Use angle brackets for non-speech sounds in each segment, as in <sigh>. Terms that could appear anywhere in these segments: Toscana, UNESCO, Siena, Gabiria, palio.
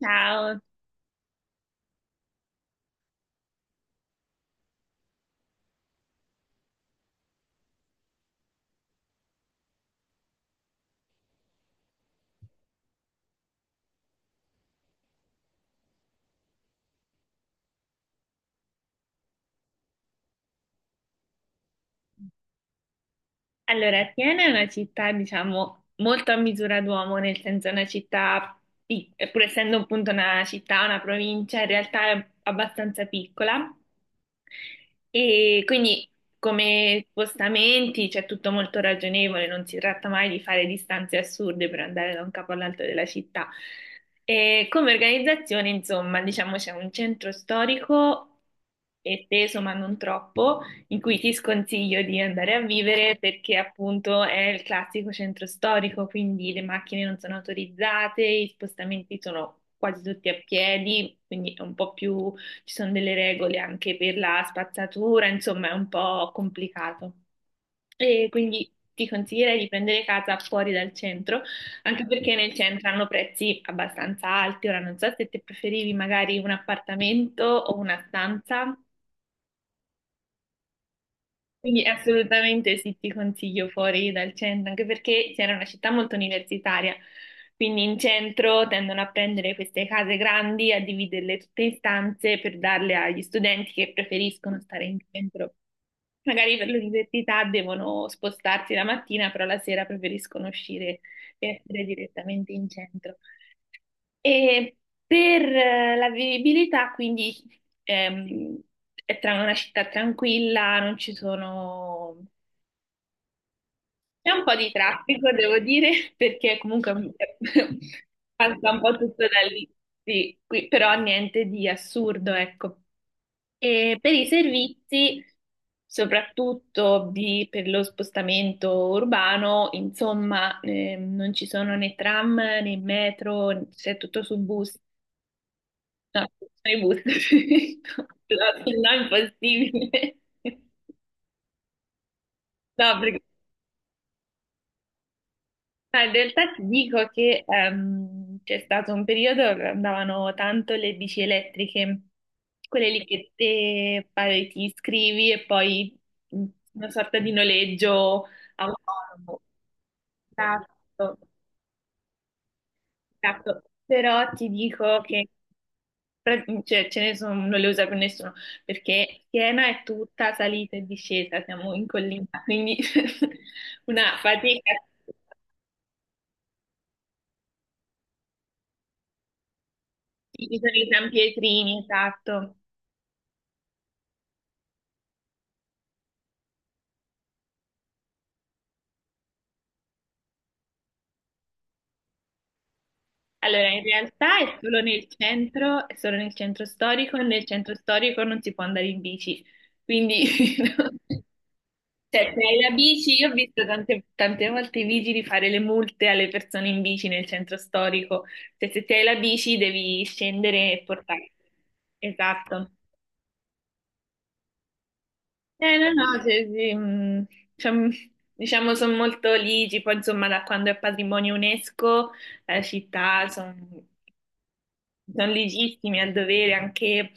Ciao, allora Atene è una città, diciamo, molto a misura d'uomo, nel senso è una città, pur essendo appunto una città, una provincia, in realtà è abbastanza piccola e quindi come spostamenti c'è tutto molto ragionevole, non si tratta mai di fare distanze assurde per andare da un capo all'altro della città. E come organizzazione, insomma, diciamo c'è un centro storico esteso ma non troppo, in cui ti sconsiglio di andare a vivere perché appunto è il classico centro storico, quindi le macchine non sono autorizzate, i spostamenti sono quasi tutti a piedi, quindi è un po' più, ci sono delle regole anche per la spazzatura, insomma è un po' complicato. E quindi ti consiglierei di prendere casa fuori dal centro, anche perché nel centro hanno prezzi abbastanza alti. Ora non so se te preferivi magari un appartamento o una stanza. Quindi assolutamente sì, ti consiglio fuori dal centro, anche perché Siena è una città molto universitaria, quindi in centro tendono a prendere queste case grandi, a dividerle tutte in stanze per darle agli studenti che preferiscono stare in centro. Magari per l'università devono spostarsi la mattina, però la sera preferiscono uscire e essere direttamente in centro. E per la vivibilità, quindi ehm, è una città tranquilla, non ci sono. C'è un po' di traffico, devo dire, <laughs> perché comunque <laughs> passa un po' tutto da lì, sì, però niente di assurdo, ecco. E per i servizi, soprattutto per lo spostamento urbano, insomma, non ci sono né tram né metro, c'è tutto su bus. No, sui bus, <laughs> no, no, impossibile. <laughs> No, perché. Ma in realtà ti dico che c'è stato un periodo che andavano tanto le bici elettriche, quelle lì che te pare ti iscrivi e poi mh, una sorta di noleggio autonomo. Esatto, esatto. Però ti dico che cioè, ce ne sono, non le usa più nessuno, perché Siena è tutta salita e discesa, siamo in collina, quindi <laughs> una fatica. Sì, ci sono i San Pietrini, esatto. Allora, in realtà è solo nel centro, è solo nel centro storico, e nel centro storico non si può andare in bici, quindi <laughs> no. Cioè, se hai la bici, io ho visto tante, tante volte i vigili fare le multe alle persone in bici nel centro storico, cioè se ti hai la bici devi scendere e portare. Esatto. Eh no, no, sì, sì, diciamo, diciamo sono molto ligi, poi insomma da quando è patrimonio UNESCO la città son-. Sono legittimi al dovere anche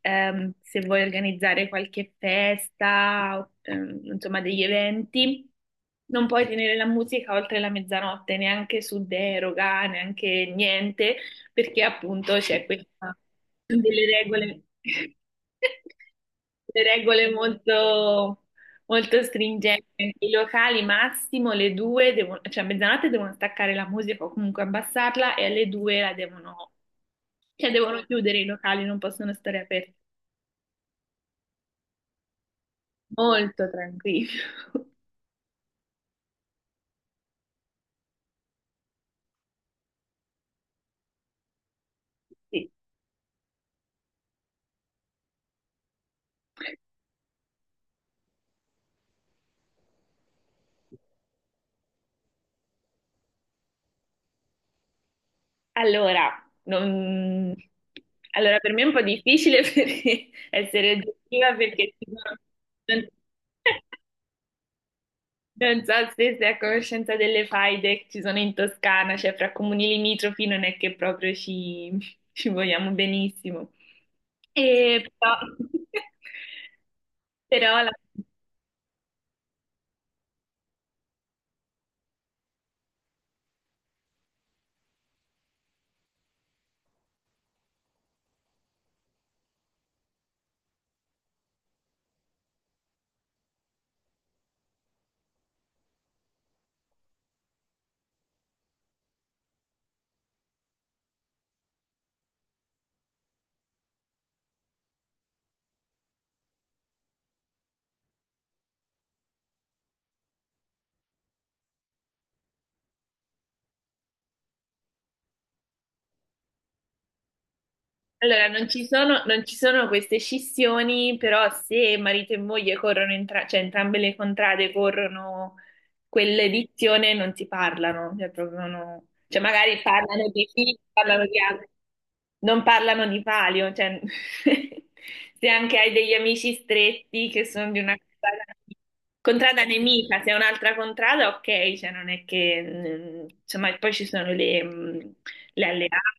se vuoi organizzare qualche festa, o, insomma degli eventi, non puoi tenere la musica oltre la mezzanotte, neanche su deroga, neanche niente, perché appunto c'è questa delle regole, <laughs> delle regole molto, molto stringenti. I locali massimo le 2 devono, cioè a mezzanotte devono staccare la musica o comunque abbassarla e alle 2 la devono, cioè, devono chiudere i locali, non possono stare aperti. Molto tranquillo. <laughs> Sì. Allora, non- allora, per me è un po' difficile <laughs> perché essere oggettiva perché ci sono. Non. <laughs> Non so se sei a conoscenza delle faide che ci sono in Toscana, cioè fra comuni limitrofi non è che proprio ci, <laughs> ci vogliamo benissimo. E però. <laughs> Però allora, non ci sono queste scissioni, però se marito e moglie corrono, cioè entrambe le contrade corrono quell'edizione, non si parlano, cioè, proprio cioè magari parlano di figli, parlano di altri, non parlano di palio, cioè, <laughs> se anche hai degli amici stretti che sono di una contrada, contrada nemica, se è un'altra contrada, ok, cioè non è che, insomma, poi ci sono le, le alleanze.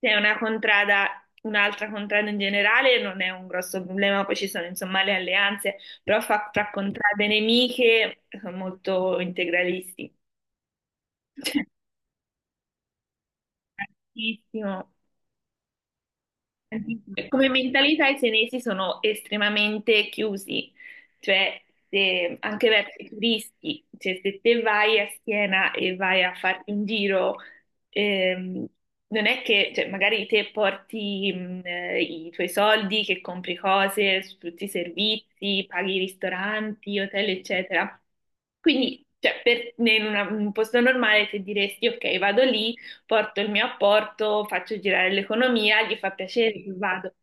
Se è una contrada, un'altra contrada in generale non è un grosso problema, poi ci sono insomma le alleanze, però fra contrade nemiche sono molto integralisti. <laughs> Cioè, pochissimo. Come mentalità i senesi sono estremamente chiusi, cioè anche verso i turisti, cioè se te vai a Siena e vai a farti un giro, ehm, non è che cioè, magari te porti i tuoi soldi, che compri cose, su tutti i servizi, paghi i ristoranti, hotel, eccetera. Quindi, cioè, in in un posto normale ti diresti, ok, vado lì, porto il mio apporto, faccio girare l'economia, gli fa piacere che vado.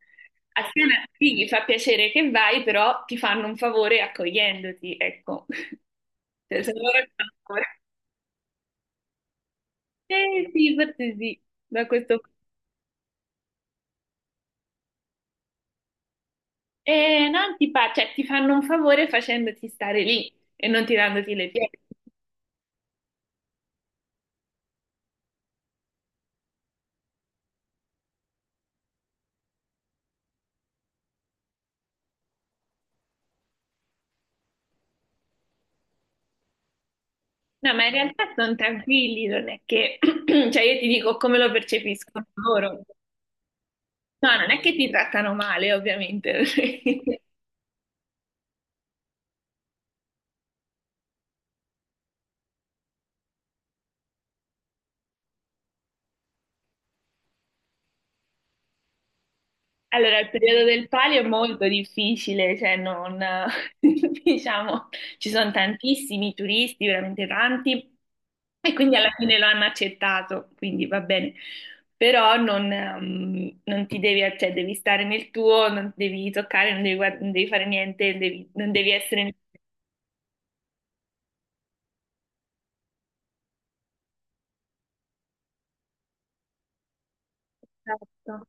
Assieme a Siena sì, gli fa piacere che vai, però ti fanno un favore accogliendoti, ecco. <laughs> Cioè, se loro ti fanno un favore. Eh sì, forse sì, da questo punto. E non ti fa, cioè, ti fanno un favore facendoti stare lì e non tirandoti le pietre. No, ma in realtà sono tranquilli, non è che. <clears throat> Cioè, io ti dico come lo percepiscono loro. No, non è che ti trattano male, ovviamente. <laughs> Allora, il periodo del palio è molto difficile, cioè non, <laughs> diciamo, ci sono tantissimi turisti, veramente tanti, e quindi alla fine lo hanno accettato, quindi va bene. Però non, non ti devi, cioè devi stare nel tuo, non devi toccare, non devi, non devi fare niente, non devi essere. Esatto.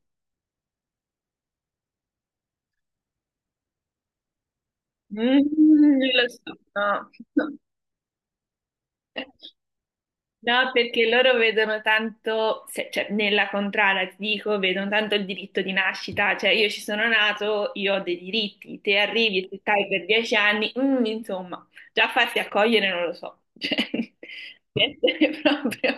Mm, lo so, no. <laughs> No, perché loro vedono tanto, cioè nella contrada ti dico, vedono tanto il diritto di nascita, cioè io ci sono nato, io ho dei diritti, te arrivi e se stai per 10 anni, insomma, già farsi accogliere non lo so, cioè <laughs> di essere proprio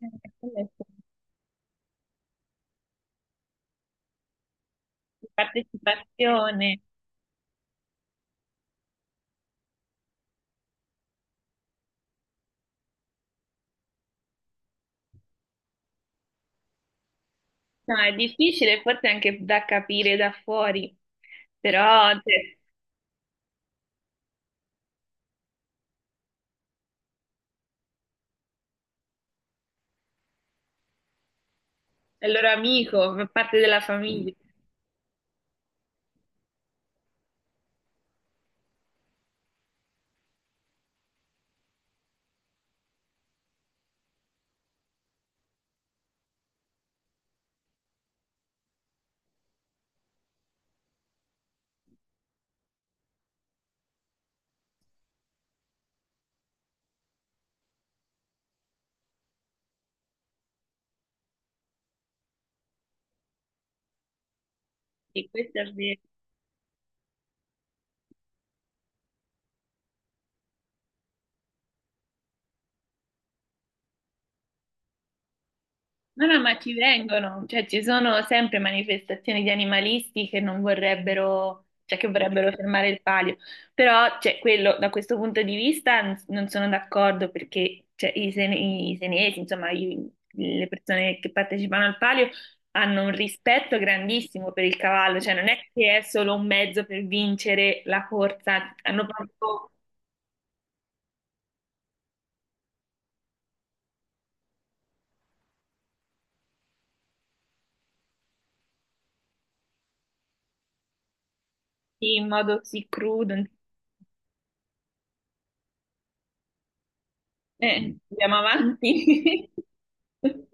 <laughs> di partecipazione. No, è difficile forse anche da capire da fuori, però cioè, è il loro amico, fa parte della famiglia, sì, questo è vero. No, no, ma ci vengono, cioè ci sono sempre manifestazioni di animalisti che non vorrebbero, cioè che vorrebbero fermare il palio, però cioè, quello, da questo punto di vista non sono d'accordo perché cioè, i, i senesi, insomma le persone che partecipano al palio hanno un rispetto grandissimo per il cavallo, cioè non è che è solo un mezzo per vincere la corsa, hanno proprio in modo così crudo, andiamo avanti. <laughs>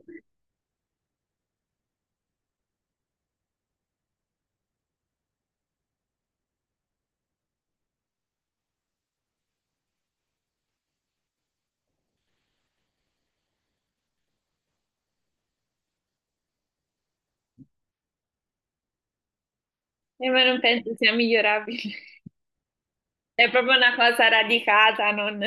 Ma non penso sia migliorabile. <laughs> È proprio una cosa radicata, non. <laughs>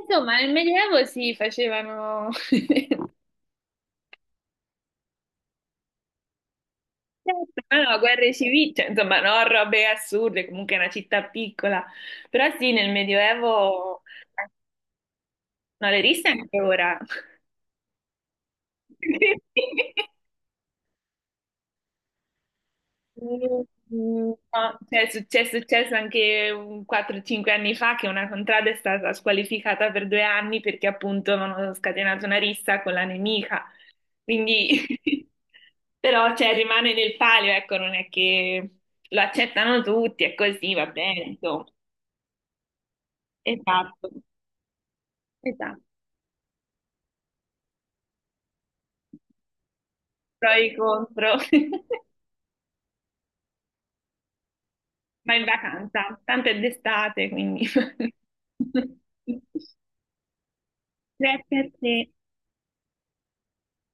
Insomma, nel Medioevo si facevano. <laughs> Certo, ma no, guerre civili, cioè, insomma, no, robe assurde, comunque è una città piccola. Però sì, nel Medioevo. eh, No, le risse anche ora. <laughs> Mm, no, cioè, è successo anche un 4-5 anni fa che una contrada è stata squalificata per 2 anni perché appunto avevano scatenato una rissa con la nemica. Quindi, <laughs> però, cioè, rimane nel palio, ecco, non è che lo accettano tutti, è così, va bene, insomma. Esatto, esatto. Pro e contro. <laughs> Ma in vacanza, tanto è d'estate, quindi. <laughs> Grazie a te.